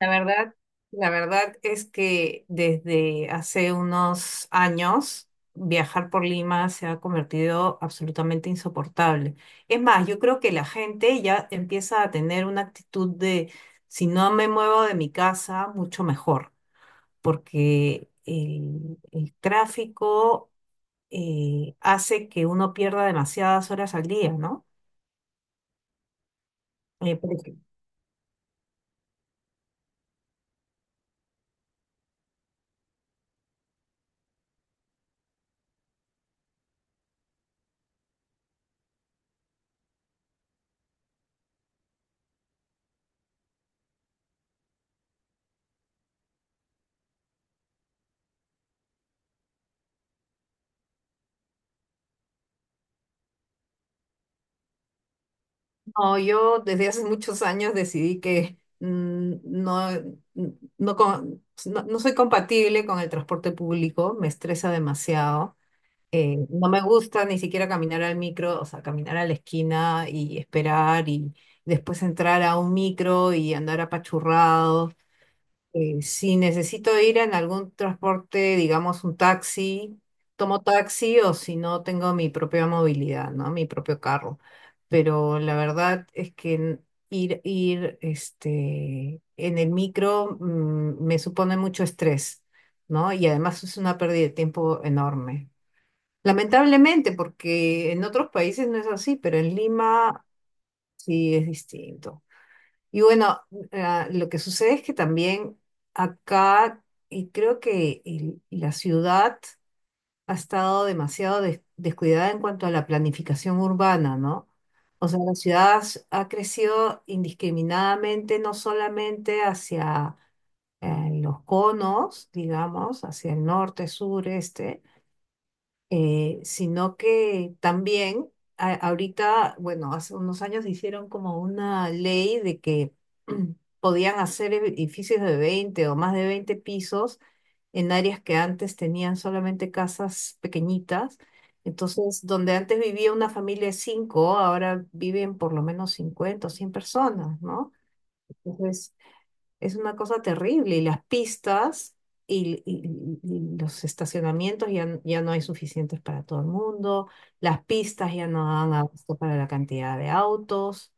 La verdad, la verdad, es que desde hace unos años viajar por Lima se ha convertido absolutamente insoportable. Es más, yo creo que la gente ya empieza a tener una actitud de si no me muevo de mi casa, mucho mejor, porque el tráfico hace que uno pierda demasiadas horas al día, ¿no? Eh, por ej- No, yo desde hace muchos años decidí que no, mm, no, no soy compatible con el transporte público, me estresa demasiado. No me gusta ni siquiera caminar al micro, o sea, caminar a la esquina y esperar y después entrar a un micro y andar apachurrado. Si necesito ir en algún transporte, digamos un taxi, tomo taxi o si no tengo mi propia movilidad, ¿no? Mi propio carro. Pero la verdad es que ir, este, en el micro me supone mucho estrés, ¿no? Y además es una pérdida de tiempo enorme. Lamentablemente, porque en otros países no es así, pero en Lima sí es distinto. Y bueno, lo que sucede es que también acá, y creo que la ciudad ha estado demasiado descuidada en cuanto a la planificación urbana, ¿no? O sea, la ciudad ha crecido indiscriminadamente, no solamente hacia los conos, digamos, hacia el norte, sur, este, sino que también ahorita, bueno, hace unos años hicieron como una ley de que podían hacer edificios de 20 o más de 20 pisos en áreas que antes tenían solamente casas pequeñitas. Entonces, donde antes vivía una familia de cinco, ahora viven por lo menos 50 o 100 personas, ¿no? Entonces, es una cosa terrible y las pistas y los estacionamientos ya, ya no hay suficientes para todo el mundo, las pistas ya no dan abasto para la cantidad de autos.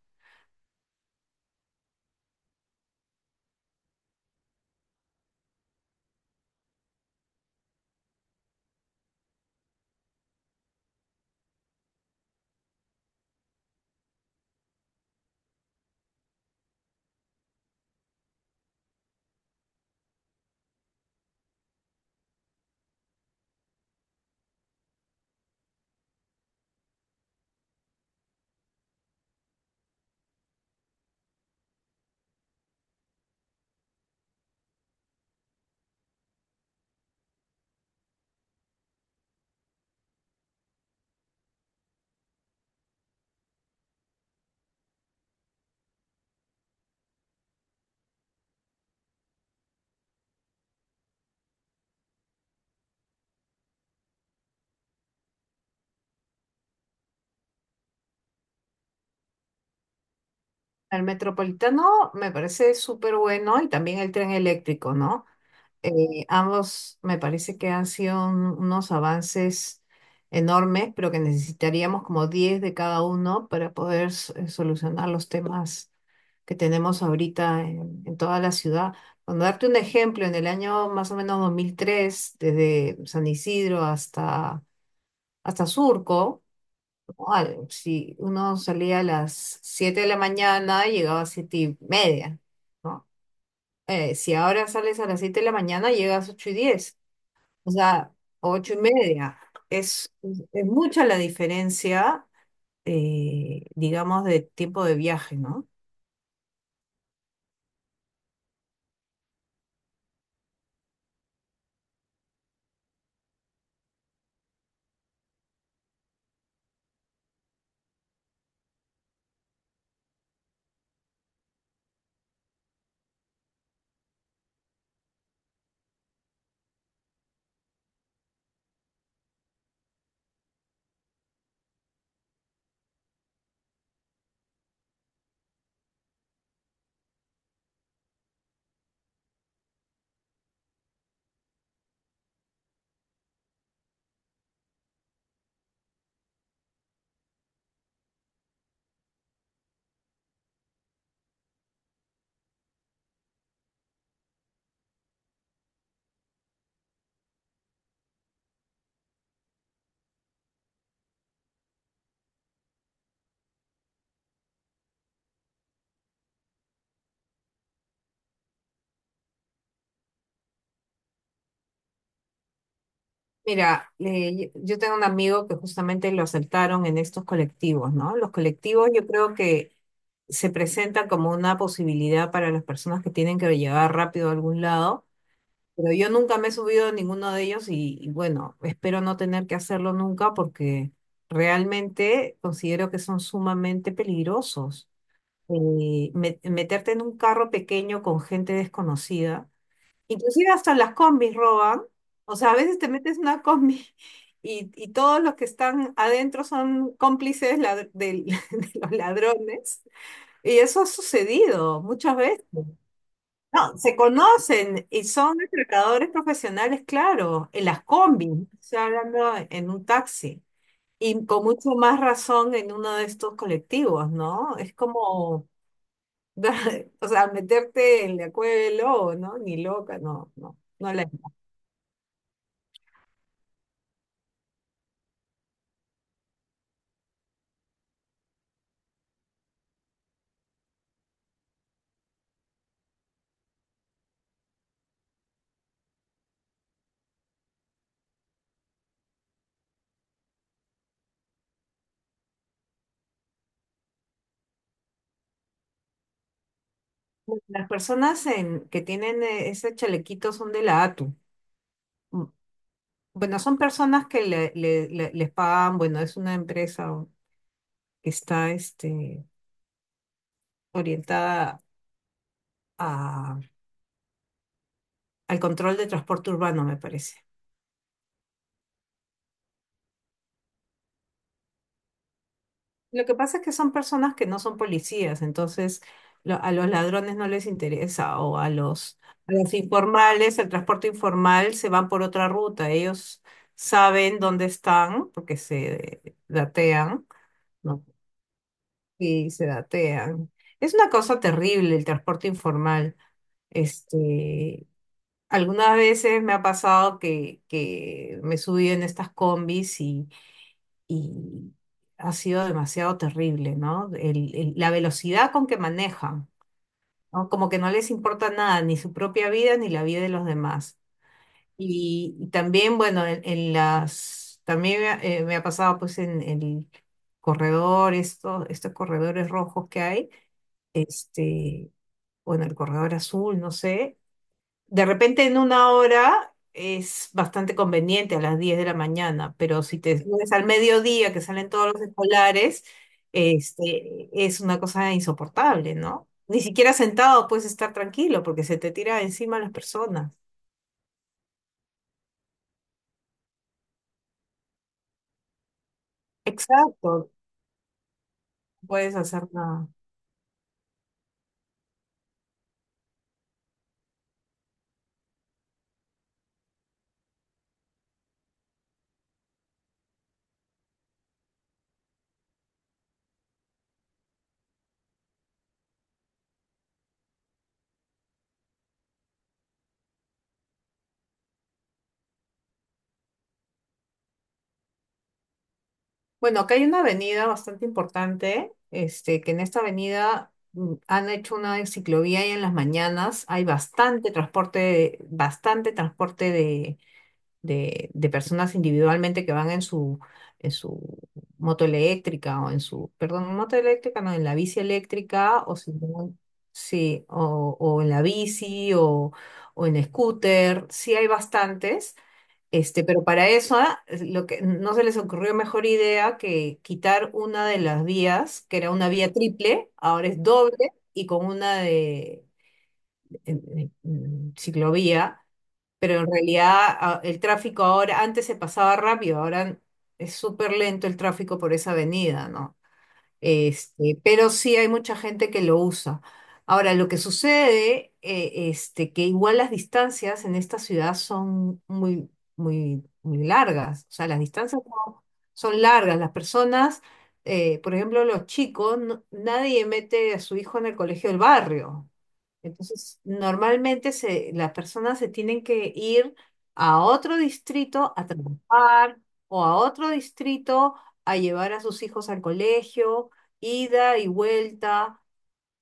El metropolitano me parece súper bueno y también el tren eléctrico, ¿no? Ambos me parece que han sido unos avances enormes, pero que necesitaríamos como 10 de cada uno para poder solucionar los temas que tenemos ahorita en toda la ciudad. Cuando darte un ejemplo, en el año más o menos 2003, desde San Isidro hasta, hasta Surco, ¿no? Si uno salía a las 7 de la mañana, llegaba a 7 y media, ¿no? Si ahora sales a las 7 de la mañana, llegas a 8:10. O sea, 8:30. Es mucha la diferencia, digamos, de tiempo de viaje, ¿no? Mira, yo tengo un amigo que justamente lo asaltaron en estos colectivos, ¿no? Los colectivos yo creo que se presentan como una posibilidad para las personas que tienen que llegar rápido a algún lado, pero yo nunca me he subido a ninguno de ellos y bueno, espero no tener que hacerlo nunca porque realmente considero que son sumamente peligrosos. Meterte en un carro pequeño con gente desconocida. Inclusive hasta las combis roban. O sea, a veces te metes en una combi y todos los que están adentro son cómplices de los ladrones. Y eso ha sucedido muchas veces. No, se conocen y son atracadores profesionales, claro, en las combis, no estoy hablando en un taxi. Y con mucho más razón en uno de estos colectivos, ¿no? Es como o sea, meterte en la cueva del lobo, ¿no? Ni loca, no, no. Las personas que tienen ese chalequito son de la ATU. Mm, bueno, son personas que les pagan, bueno, es una empresa que está este, orientada a- al control de transporte urbano, me parece. Lo que pasa es que son personas que no son policías, entonces a los ladrones no les interesa o a los informales, el transporte informal se van por otra ruta. Ellos saben dónde están porque se datean, ¿no? Y se datean. Es una cosa terrible el transporte informal. Este, algunas veces me ha pasado que me subí en estas combis y ha sido demasiado terrible, ¿no? La velocidad con que manejan, ¿no? Como que no les importa nada, ni su propia vida, ni la vida de los demás. Y también, bueno, también me ha pasado pues en el corredor, estos corredores rojos que hay, este, bueno, el corredor azul, no sé, de repente en una hora es bastante conveniente a las 10 de la mañana, pero si te subes al mediodía que salen todos los escolares, este, es una cosa insoportable, ¿no? Ni siquiera sentado puedes estar tranquilo porque se te tira encima las personas. Exacto, no puedes hacer nada. Bueno, acá hay una avenida bastante importante, este, que en esta avenida han hecho una ciclovía y en las mañanas hay bastante transporte de personas individualmente que van en su moto eléctrica o en su, perdón, moto eléctrica, no, en la bici eléctrica o si no, sí, o en la bici o en scooter, sí hay bastantes. Este, pero para eso, ah, es lo que no se les ocurrió mejor idea que quitar una de las vías, que era una vía triple, ahora es doble y con una de, en ciclovía pero en realidad el tráfico ahora, antes se pasaba rápido, ahora es súper lento el tráfico por esa avenida, ¿no? Este, pero sí hay mucha gente que lo usa. Ahora, lo que sucede, este, que igual las distancias en esta ciudad son muy, muy, muy largas. O sea, las distancias son largas. Las personas, por ejemplo, los chicos, nadie mete a su hijo en el colegio del barrio. Entonces, normalmente las personas se tienen que ir a otro distrito a trabajar o a otro distrito a llevar a sus hijos al colegio, ida y vuelta.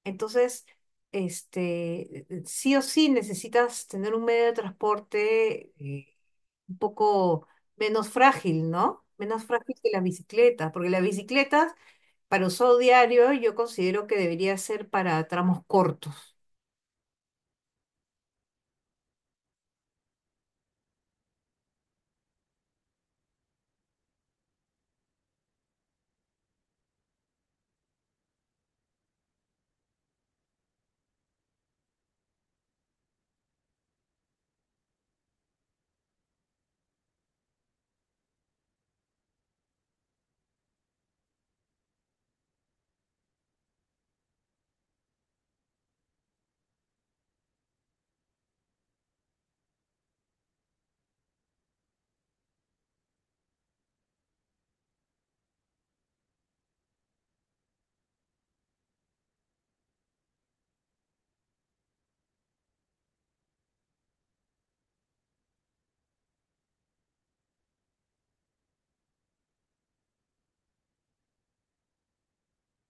Entonces, este, sí o sí necesitas tener un medio de transporte un poco menos frágil, ¿no? Menos frágil que la bicicleta, porque las bicicletas para uso diario yo considero que debería ser para tramos cortos.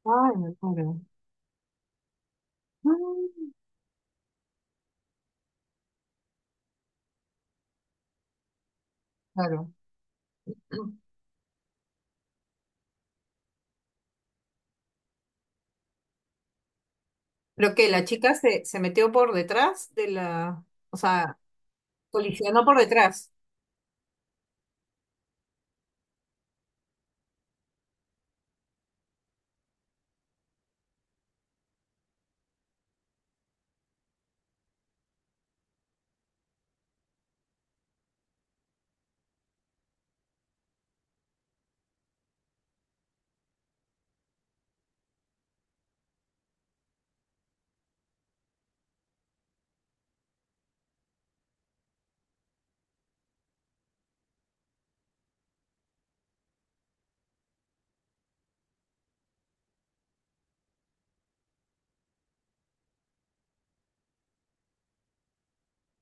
Ay, me muero. Ah, claro. Pero que la chica se, se metió por detrás de la, o sea, colisionó por detrás.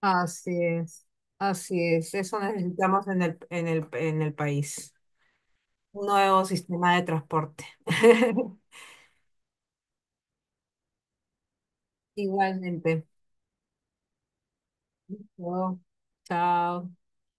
Así es, así es. Eso necesitamos en el país. Un nuevo sistema de transporte. Igualmente. Chao. Chao.